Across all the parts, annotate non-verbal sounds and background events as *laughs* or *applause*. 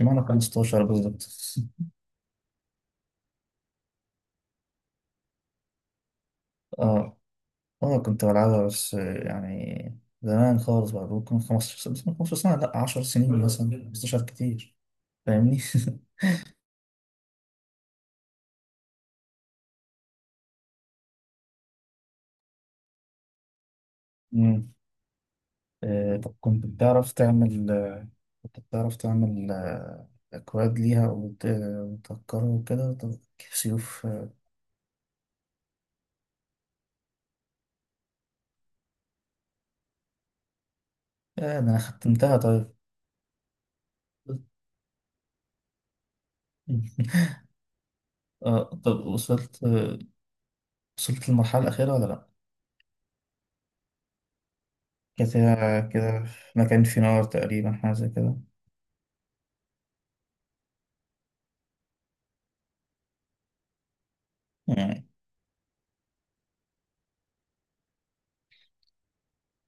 ما أنا 15 بالظبط. اه، اه، كنت بلعبها، بس يعني زمان خالص بقى، ممكن 15 سنة. بس من 15 سنة لأ، 10 سنين مثلا، 15 كتير. فاهمني؟ *laughs* مم. طب كنت بتعرف تعمل أكواد ليها، وتهكرها وكده؟ طب كيف سيوف؟ ده أنا ختمتها، طيب. *laughs* اه، طب وصلت للمرحلة الأخيرة ولا لأ؟ كده. كده. ما كان في نار تقريبا، حاجة زي كده.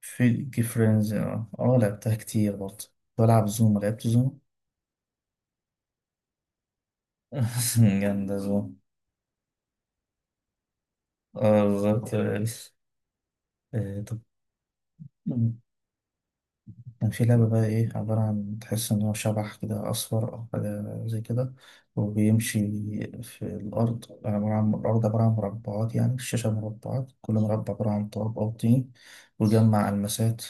في فريندز اه، لعبتها كتير برضه. بلعب زوم لعبت زوم. *laughs* جامدة زوم. اه بالظبط. آه، طب كان في لعبة بقى، ايه، عبارة عن تحس ان هو شبح كده اصفر او حاجة زي كده، وبيمشي في الارض. عبارة عن الارض عبارة عن مربعات، يعني الشاشة مربعات، كل مربع عبارة عن تراب او طين، ويجمع المسات.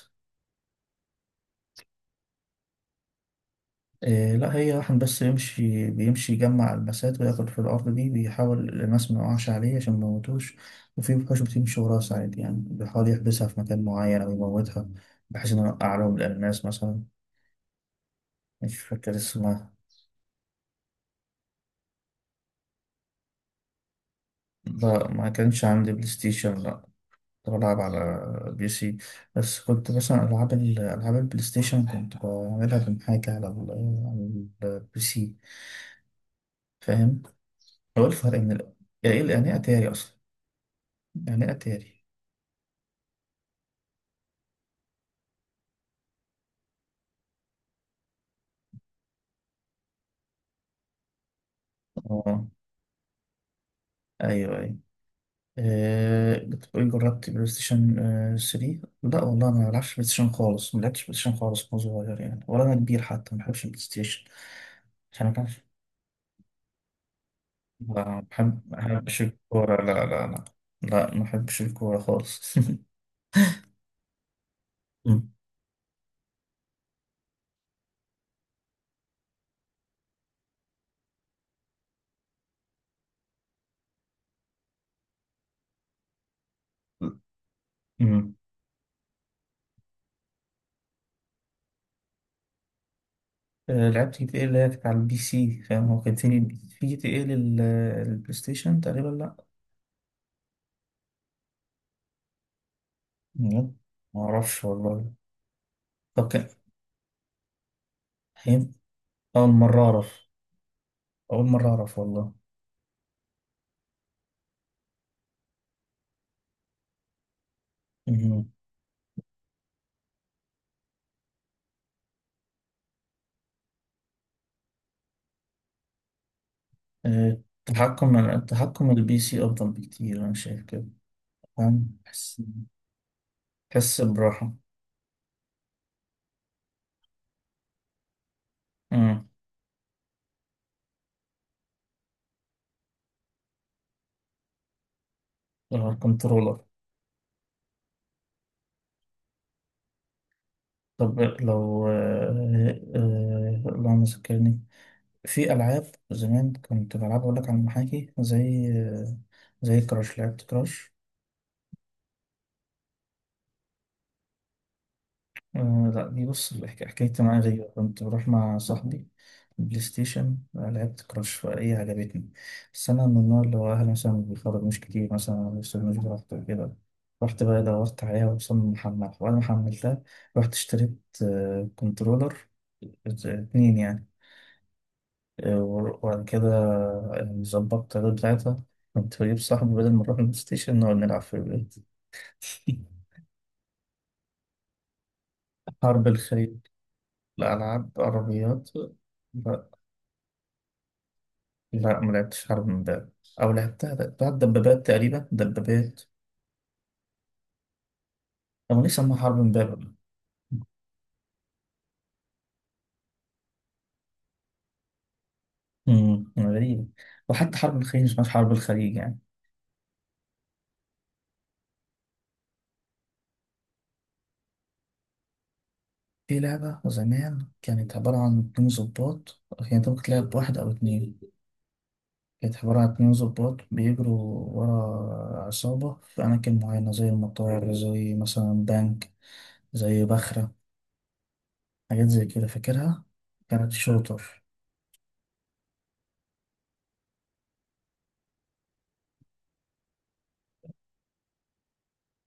إيه، لا، هي واحد بس يمشي، بيمشي يجمع المسات وياخد في الأرض دي، بيحاول الماس ما يقعش عليه عشان ما يموتوش. وفي وحوش بتمشي وراه ساعات، يعني بيحاول يحبسها في مكان معين أو يموتها، بحيث إنه يوقع لهم الألماس مثلا. مش فاكر اسمها. لا، ما كانش عندي بلاي ستيشن، لا. كنت بلعب على بي سي. بس كنت مثلا ألعاب ألعاب البلاي ستيشن كنت بعملها من حاجة على على البي سي. فاهم؟ هو إيه الفرق من يعني إيه أتاري أصلا؟ يعني إيه أتاري؟ آه. ايوه، ايوه. أه، بتقولي جربت بلاي ستيشن 3؟ لا والله، انا ما بلعبش بلاي ستيشن خالص، ما لعبتش بلاي ستيشن خالص وانا صغير يعني، ولا انا كبير حتى. ما بحبش البلاي ستيشن، عشان انا بعرف- ما بحبش الكوره. لا، لا، لا، لا، ما بحبش الكوره خالص. *laughs* أمم. أمم. لعبت جي تي ايه، اللي هي كانت على البي سي. فاهم، هو كان تاني في جي تي ايه للبلاي ستيشن تقريبا، لا. أمم. ما اعرفش والله. طب كان هي- اول مره اعرف اول مره اعرف والله. آه، التحكم، البي سي أفضل بكتير، أنا شايف كده. فاهم، تحس براحة. أمم. لو كنترولر. طب لو اللهم ذكرني، في ألعاب زمان كنت بلعبها أقول لك على المحاكي، زي كراش. لعبت كراش. آه لا، دي بص، حكايتي معايا غريبة. كنت بروح مع صاحبي بلاي ستيشن، لعبت كراش فهي عجبتني. بس أنا من النوع اللي هو أهلي مثلا ما بيخرجوش كتير مثلا، لسه مش براحته وكده. رحت بقى دورت عليها، وصلنا محملها وأنا ما حملتها. رحت اشتريت كنترولر اتنين يعني. وبعد كده ظبطت الرد بتاعتها. كنت بجيب صاحبي بدل ما نروح البلاي ستيشن، نقعد نلعب في البيت. *laughs* حرب الخيل. الألعاب عربيات. لا، ما لعبتش حرب من باب. او لعبتها، بتاعت دبابات تقريبا، دبابات. او ليه سموها حرب من باب؟ غريب. وحتى حرب الخليج، مش حرب الخليج يعني. في لعبة زمان كانت عبارة عن اتنين ظباط، يعني انت ممكن تلعب بواحد أو اتنين. كانت عبارة عن اتنين ظباط بيجروا ورا عصابة في أماكن معينة، زي المطار، زي مثلا بنك، زي بخرة، حاجات زي كده فاكرها. كانت شوتر.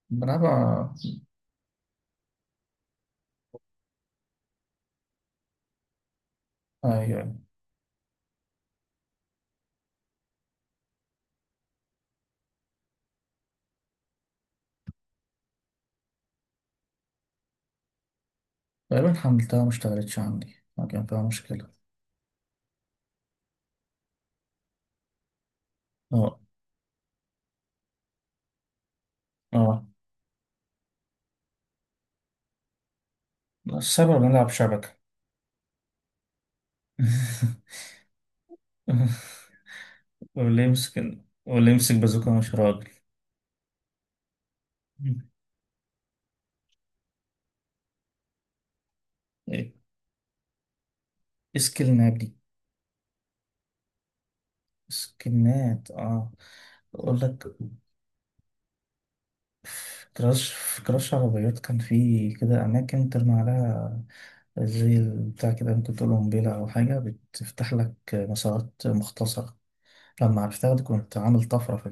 بلعبها. أيوة. تقريبا حملتها ما اشتغلتش عندي، ما كان فيها مشكلة. اه، اه، السبب نلعب شبكة. *laughs* واللي يمسك، واللي يمسك بازوكا مش راجل. ايه، سكيلنات دي. سكيلنات. اه، اقول لك، في كراش عربيات، كان في كده اماكن ترمي عليها، زي بتاع كده، ممكن تقول قنبلة او حاجة بتفتح لك مسارات مختصرة. لما عرفتها دي كنت عامل طفرة في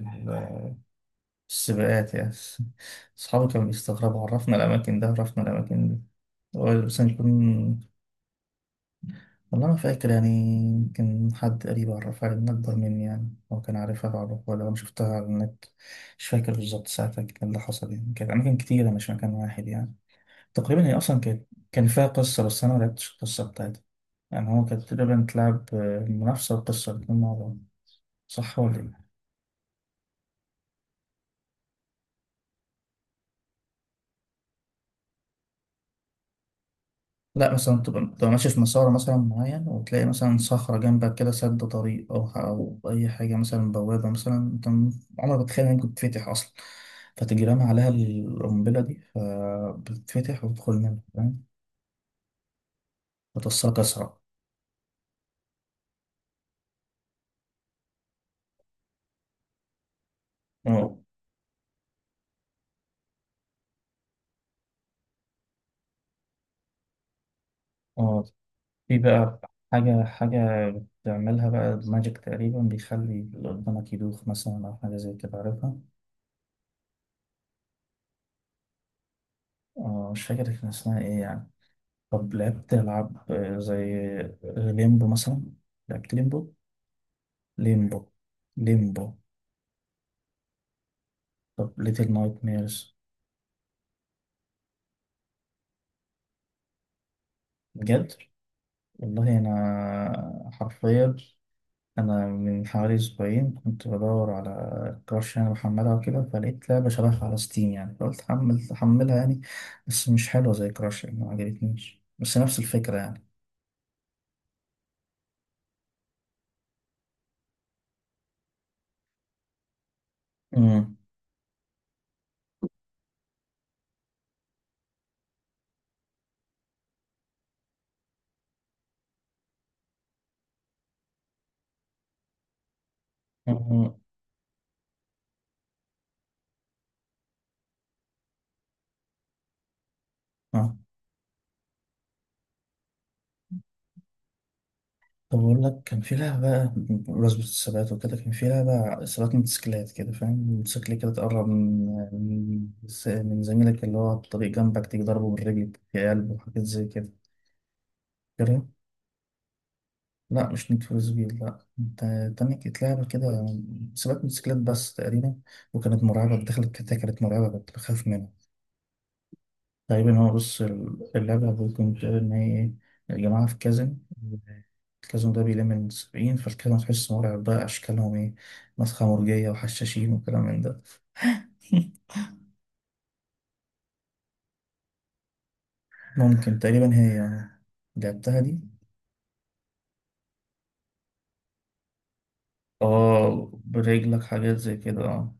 السباقات يعني. أصحابي كانوا بيستغربوا، عرفنا الأماكن دي. هو بس نكون، والله ما فاكر يعني. يمكن حد قريب عرفها لي، من أكبر مني يعني، هو كان عارفها بعرفها، ولا أنا شفتها على النت. مش فاكر بالظبط ساعتها كان اللي حصل يعني. كانت أماكن كتيرة مش مكان واحد يعني. تقريبا هي أصلا كانت، كان فيها قصة، بس أنا ما لعبتش القصة بتاعتها. يعني هو كانت تقريبا تلعب المنافسة والقصة الاتنين مع بعض. صح ولا إيه؟ لا، مثلا تبقى ماشي في مسار مثلا معين، وتلاقي مثلا صخرة جنبك كده سد طريق، أو أو أي حاجة، مثلا بوابة مثلا، عمرك ما تتخيل إنها ممكن تتفتح أصلا، فتجي رامي عليها القنبلة دي فبتتفتح وتدخل منها، فاهم؟ بتوصلك أسرع. أه، أه، في بقى حاجة بتعملها بقى ماجيك تقريبا، بيخلي اللي قدامك يدوخ مثلا، أو حاجة زي كده عارفها. أه، مش فاكر كان اسمها إيه يعني. طب لعبت ألعاب زي ليمبو مثلا. لعبت ليمبو. ليمبو. ليمبو. طب ليتل نايت ميرز. بجد؟ والله أنا حرفيا، أنا من حوالي أسبوعين كنت بدور على كراش يعني، بحملها وكده، فلقيت لعبة شبهها على ستيم يعني، فقلت حمل أحملها يعني، بس مش حلوة زي كراش يعني، ما عجبتنيش، بس نفس الفكرة يعني. امم طب بقول لك، كان في لعبة بمناسبة الثبات وكده. كان في لعبة ثبات موتوسيكلات كده، فاهم موتوسيكل كده، تقرب من من زميلك اللي هو على الطريق جنبك، تيجي ضربه بالرجل في قلبه وحاجات زي كده، فاكرها؟ لا، مش نيد فور سبيد. لا، انت تاني، كانت لعبة كده ثبات موتوسيكلات بس تقريبا، وكانت مرعبة. دخلت، كانت مرعبة، كنت بخاف منها. تقريبا، هو بص اللعبة، ممكن بتقول إن هي الجماعة في كازن. الكازن ده بيلم من سبعين، فالكازن تحس مرعب بقى، أشكالهم إيه، مسخة مرجية وحشاشين وكلام من ده. *laughs* ممكن تقريبا هي. لعبتها دي، اه، برجلك، حاجات زي كده، اه.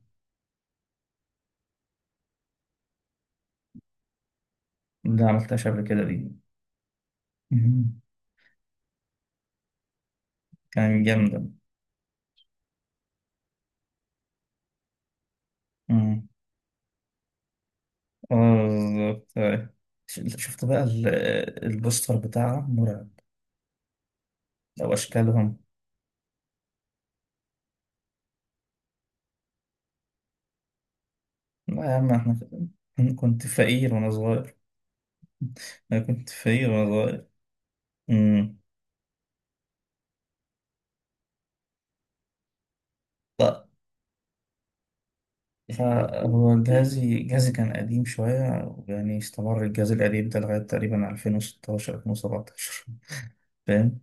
ده عملتهاش قبل كده دي. مهم. كانت جامدة. مم. اه بالظبط، أيوة. شفت بقى البوستر بتاعها مرعب، أو أشكالهم. لا يا عم احنا، انا كنت فقير وانا صغير. انا كنت فقير وانا صغير. امم، طيب. فهو جهازي كان قديم شوية، يعني استمر الجهاز القديم ده لغاية تقريبا 2016، 2017، فاهم.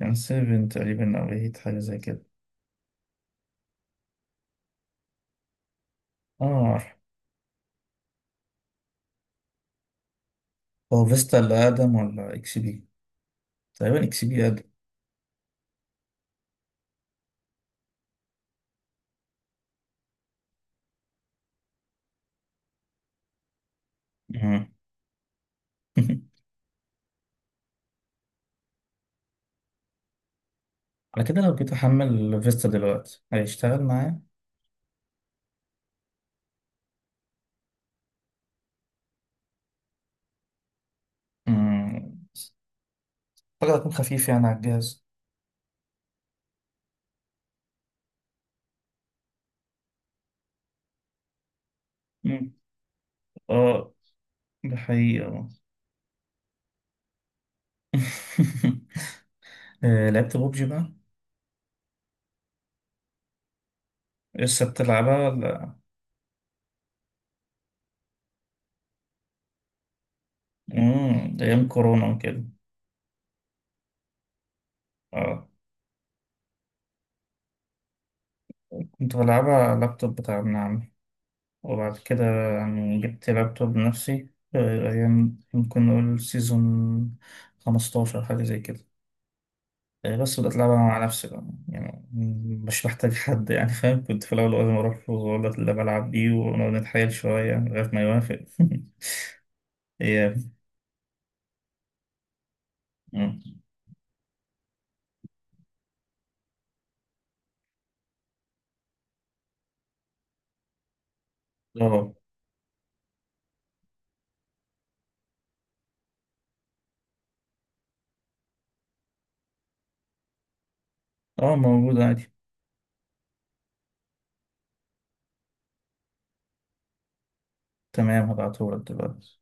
كان 7 تقريبا أو 8، حاجة زي كده. اه، عارف. هو فيستا اللي أقدم ولا إكس بي؟ تقريبا إكس بي أقدم. مم. *laughs* على كده لو جيت أحمل فيستا دلوقتي هيشتغل معايا؟ مم. أعتقد هيكون خفيف يعني على الجهاز. مم. اه، ده حقيقة. *laughs* لعبت ببجي بقى. لسه بتلعبها ولا؟ مم، أيام كورونا وكده. اه، كنت بلعبها على اللابتوب بتاع ابن عمي، وبعد كده يعني جبت لابتوب بنفسي، أيام ممكن نقول سيزون 15 حاجة زي كده، بس بدأت ألعبها مع نفسي بقى يعني، مش محتاج حد يعني، فاهم كنت في الأول لازم أروح له وأقول له اللي بلعب بيه، ونقعد نتحايل شوية لغاية ما يوافق. *laughs* هي، اه، اه، موجود عادي. تمام، هبعتهولك دلوقتي.